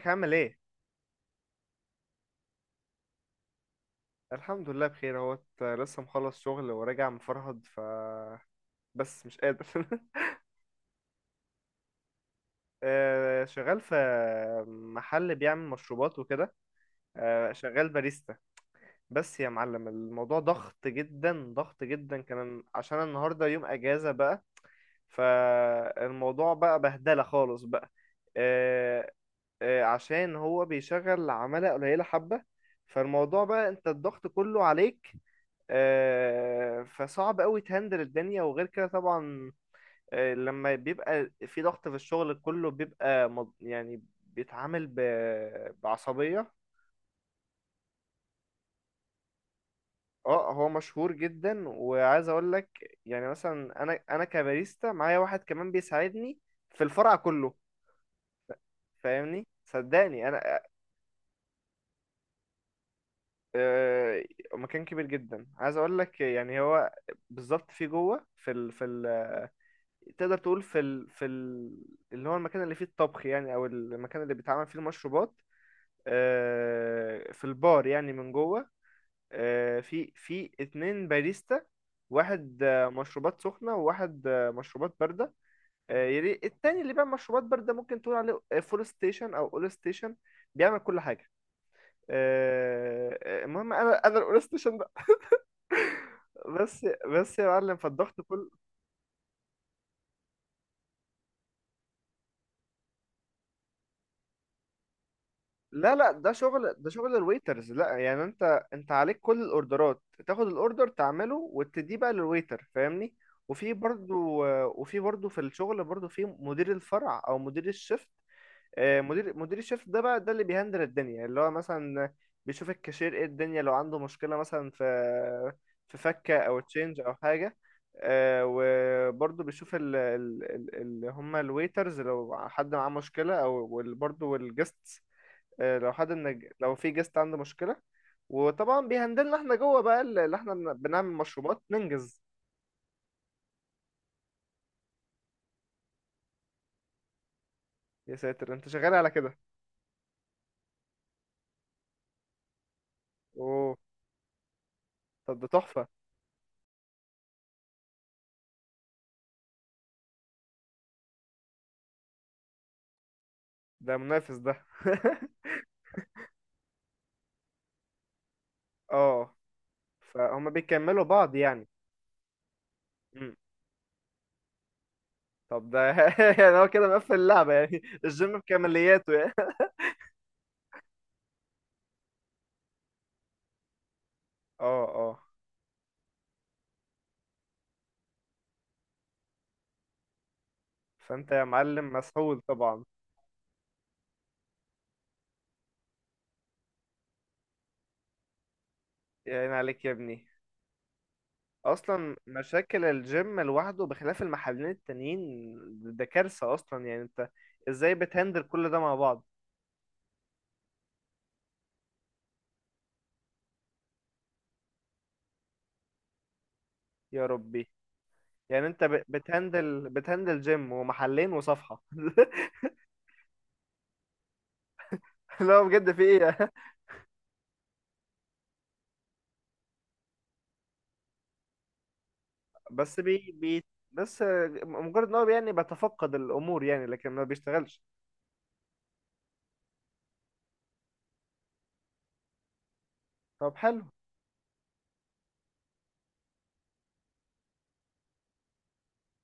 ازيك عامل ايه؟ الحمد لله بخير اهوت لسه مخلص شغل وراجع مفرهد ف بس مش قادر شغال في محل بيعمل مشروبات وكده. شغال باريستا. بس يا معلم الموضوع ضغط جدا، ضغط جدا كان عشان النهارده يوم اجازة بقى. فالموضوع بقى بهدلة خالص بقى. آه، عشان هو بيشغل عمالة قليلة حبة، فالموضوع بقى انت الضغط كله عليك. فصعب قوي تهندل الدنيا. وغير كده طبعا، لما بيبقى في ضغط في الشغل كله بيبقى يعني بيتعامل بعصبية. اه، هو مشهور جدا وعايز اقول لك يعني، مثلا انا كباريستا معايا واحد كمان بيساعدني في الفرع كله. فاهمني، صدقني انا آه، مكان كبير جدا. عايز اقول لك يعني، هو بالظبط في جوه في ال تقدر تقول اللي هو المكان اللي فيه الطبخ يعني، او المكان اللي بيتعمل فيه المشروبات. في البار يعني من جوه. في اتنين باريستا، واحد مشروبات سخنة وواحد مشروبات باردة. التاني اللي بيعمل مشروبات باردة ممكن تقول عليه فول ستيشن او اول ستيشن، بيعمل كل حاجة. المهم انا الاول ستيشن. بس بس يا معلم فالضغط كله. لا، ده شغل الويترز، لا يعني انت عليك كل الاوردرات، تاخد الاوردر تعمله وتديه بقى للويتر فاهمني. وفي برضو في الشغل برضو في مدير الفرع او مدير الشفت. مدير الشفت ده بقى، ده اللي بيهندل الدنيا، اللي هو مثلا بيشوف الكاشير ايه الدنيا، لو عنده مشكلة مثلا في فكة او تشينج او حاجة. وبرضو بيشوف اللي هم الويترز لو حد معاه مشكلة، برضو الجستس. لو حد لو في جيست عنده مشكلة. وطبعا بيهندلنا احنا جوه بقى اللي احنا بنعمل مشروبات ننجز. يا ساتر، انت شغال على كده! اوه، طب ده تحفة! ده منافس ده اه، فهم بيكملوا بعض يعني. مم. طب ده يعني هو كده مقفل اللعبة يعني، الجيم بكمالياته يعني. اه، اه. فانت يا معلم مسحول طبعا. يا عيني عليك يا ابني! اصلا مشاكل الجيم لوحده بخلاف المحلين التانيين، ده كارثة اصلا. يعني انت ازاي بتهندل كل ده مع بعض؟ يا ربي، يعني انت بتهندل جيم ومحلين وصفحة لا بجد في ايه؟ بس بي بي بس مجرد ان هو يعني بيتفقد الامور يعني، لكن ما بيشتغلش. طب حلو.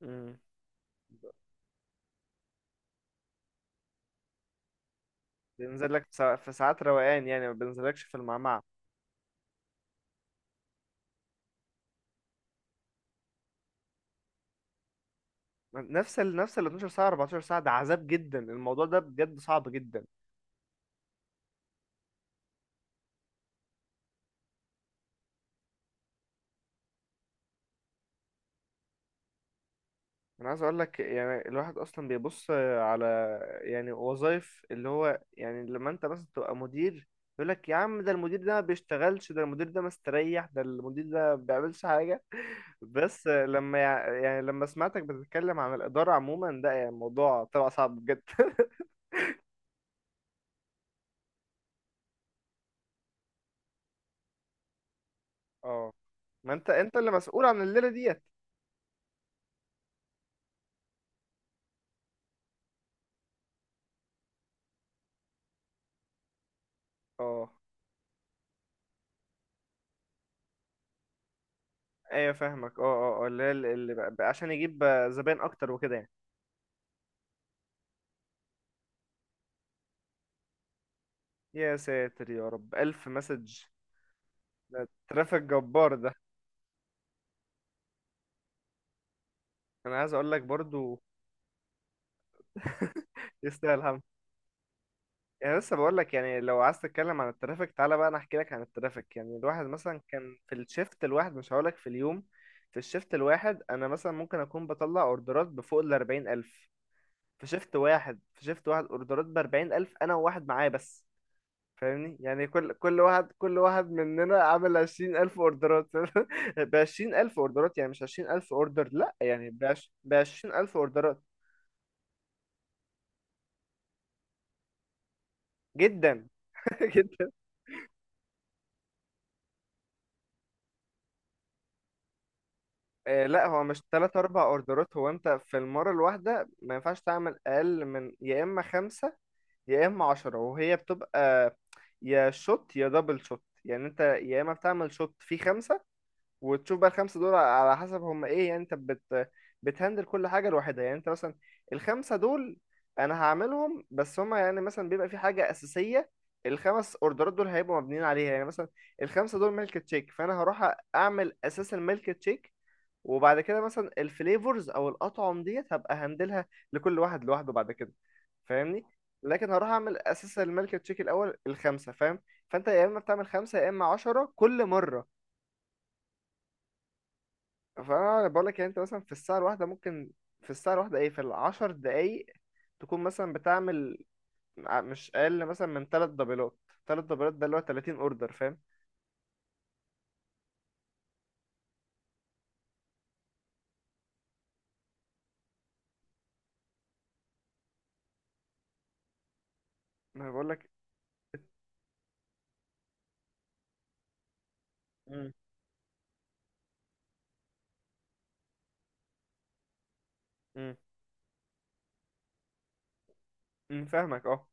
امم، بينزل لك في في ساعات روقان يعني، ما بينزلكش في المعمعة. نفس ال 12 ساعة 14 ساعة، ده عذاب جدا، الموضوع ده بجد صعب جدا. انا عايز اقول لك يعني، الواحد اصلا بيبص على يعني وظائف اللي هو يعني، لما انت مثلا تبقى مدير، يقول لك يا عم ده المدير ده ما بيشتغلش، ده المدير ده مستريح، ده المدير ده ما بيعملش حاجه. بس لما يعني لما سمعتك بتتكلم عن الاداره عموما، ده يعني موضوع طلع صعب بجد اه. ما انت اللي مسؤول عن الليله ديت. اه. ايوه فاهمك. اه اللي هي بقى عشان يجيب زباين اكتر وكده يعني. يا ساتر يا رب، الف مسج! ده ترافيك جبار ده. انا عايز اقول لك برضو يستاهل الهم. يعني لسه بقول لك يعني، لو عايز تتكلم عن الترافيك تعالى بقى انا احكي لك عن الترافيك. يعني الواحد مثلا كان في الشيفت الواحد، مش هقول لك في اليوم، في الشيفت الواحد انا مثلا ممكن اكون بطلع اوردرات بفوق ال 40,000. في شيفت واحد، في شيفت واحد اوردرات ب 40,000، انا وواحد معايا بس. فاهمني يعني كل كل واحد مننا عامل 20,000 اوردرات ب 20,000 اوردرات يعني مش 20,000 اوردر لا يعني، ب 20,000 اوردرات. جدا جدا. لا، هو مش تلات أربع أوردرات، هو أنت في المرة الواحدة ما ينفعش تعمل أقل من يا إما خمسة يا إما عشرة، وهي بتبقى يا شوت يا دبل شوت. يعني أنت يا إما بتعمل شوت فيه خمسة، وتشوف بقى الخمسة دول على حسب هما إيه. يعني أنت بتهندل كل حاجة لوحدها. يعني أنت مثلا الخمسة دول، أنا هعملهم بس هما يعني مثلا بيبقى في حاجة أساسية، الخمس أوردرات دول هيبقوا مبنيين عليها. يعني مثلا الخمسة دول ميلك تشيك، فأنا هروح أعمل أساس الميلك تشيك، وبعد كده مثلا الفليفرز او الاطعم ديت هبقى هندلها لكل واحد لوحده بعد كده. فاهمني. لكن هروح اعمل اساس الملك تشيك الاول الخمسه فاهم. فانت يا اما بتعمل خمسه يا اما عشرة كل مره. فانا بقول لك يعني، انت مثلا في الساعه الواحده ممكن، في الساعه الواحده ايه، في العشر دقايق، تكون مثلا بتعمل مش اقل مثلا من ثلاث دبلات. ثلاث دبلات ده اللي هو 30 اوردر فاهم. ما بقول لك. امم. امم. فاهمك اه.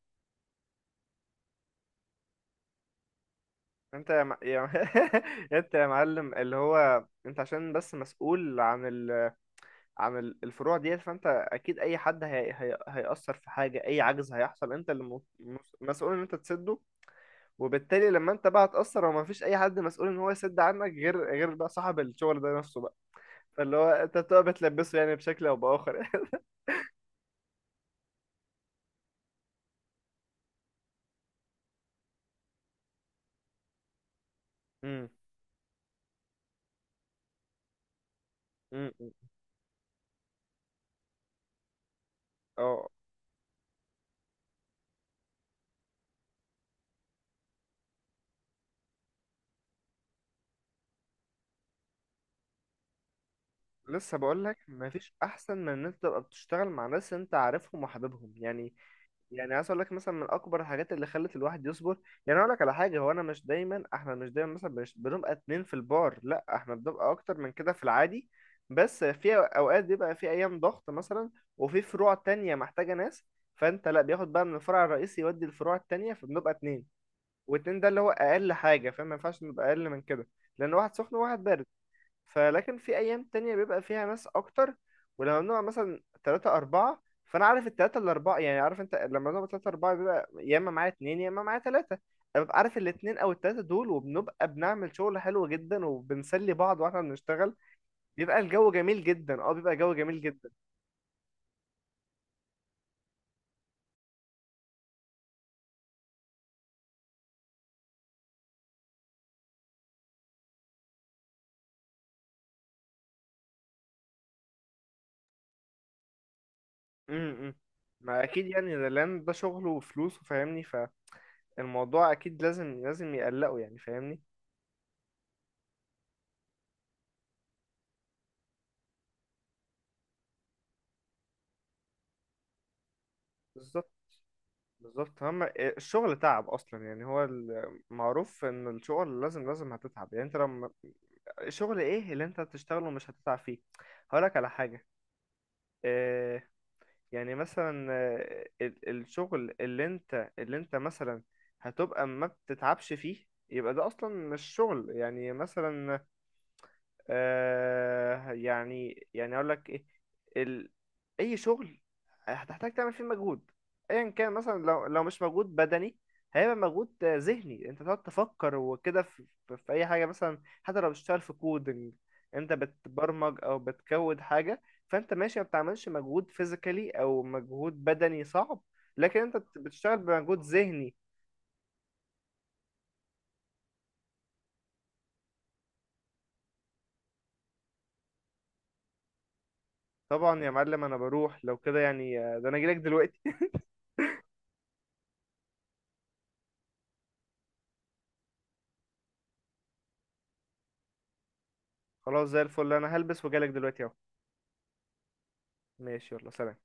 انت انت يا معلم، اللي هو انت عشان بس مسؤول عن عن الفروع ديت، فانت اكيد اي حد هيأثر في حاجة، اي عجز هيحصل انت اللي مسؤول ان انت تسده. وبالتالي لما انت بقى هتأثر وما فيش اي حد مسؤول ان هو يسد عنك، غير بقى صاحب الشغل ده نفسه بقى. فاللي هو انت بتبقى بتلبسه يعني بشكل او باخر. امم. امم. اه. لسه بقول لك مفيش احسن من ان انت تبقى بتشتغل مع ناس انت عارفهم وحاببهم يعني. يعني عايز اقول لك مثلا من اكبر الحاجات اللي خلت الواحد يصبر، يعني اقول لك على حاجه، هو انا مش دايما، احنا مش دايما مثلا مش بنبقى اتنين في البار، لا احنا بنبقى اكتر من كده في العادي. بس في اوقات بيبقى في ايام ضغط مثلا، وفي فروع تانية محتاجه ناس، فانت لا بياخد بقى من الفرع الرئيسي يودي الفروع التانية، فبنبقى اتنين. واتنين ده اللي هو اقل حاجه، فما ينفعش نبقى اقل من كده، لان واحد سخن وواحد بارد. فلكن في ايام تانية بيبقى فيها ناس اكتر، ولما بنبقى مثلا تلاتة اربعة، فانا عارف التلاتة الاربعة يعني. عارف انت، لما بنبقى تلاتة اربعة، بيبقى يا اما معايا اتنين يا اما معايا تلاتة. انا ببقى عارف الاتنين او التلاتة دول، وبنبقى بنعمل شغل حلو جدا وبنسلي بعض واحنا بنشتغل. بيبقى الجو جميل جدا، اه بيبقى جو جميل جدا. امم. ما اكيد يعني، ده لان ده شغله وفلوسه فاهمني. فالموضوع اكيد لازم لازم يقلقه يعني، فاهمني. بالظبط، بالظبط، هم. الشغل تعب اصلا يعني، هو المعروف ان الشغل لازم لازم هتتعب يعني. انت لما الشغل ايه اللي انت هتشتغله مش هتتعب فيه؟ هقولك على حاجه. آه، يعني مثلا الشغل اللي انت مثلا هتبقى ما بتتعبش فيه، يبقى ده اصلا مش شغل. يعني مثلا اقول لك ايه، ال... اي شغل هتحتاج تعمل فيه مجهود، ايا كان. مثلا لو مش مجهود بدني، هيبقى مجهود ذهني، انت تقعد تفكر وكده في، في اي حاجه مثلا. حتى لو بتشتغل في كودنج، انت بتبرمج او بتكود حاجه، فانت ماشي ما بتعملش مجهود فيزيكالي او مجهود بدني صعب، لكن بتشتغل بمجهود ذهني. طبعا يا معلم انا بروح لو كده يعني، ده انا جيلك دلوقتي خلاص زي الفل، انا هلبس وجالك دلوقتي اهو. ماشي يلا سلام.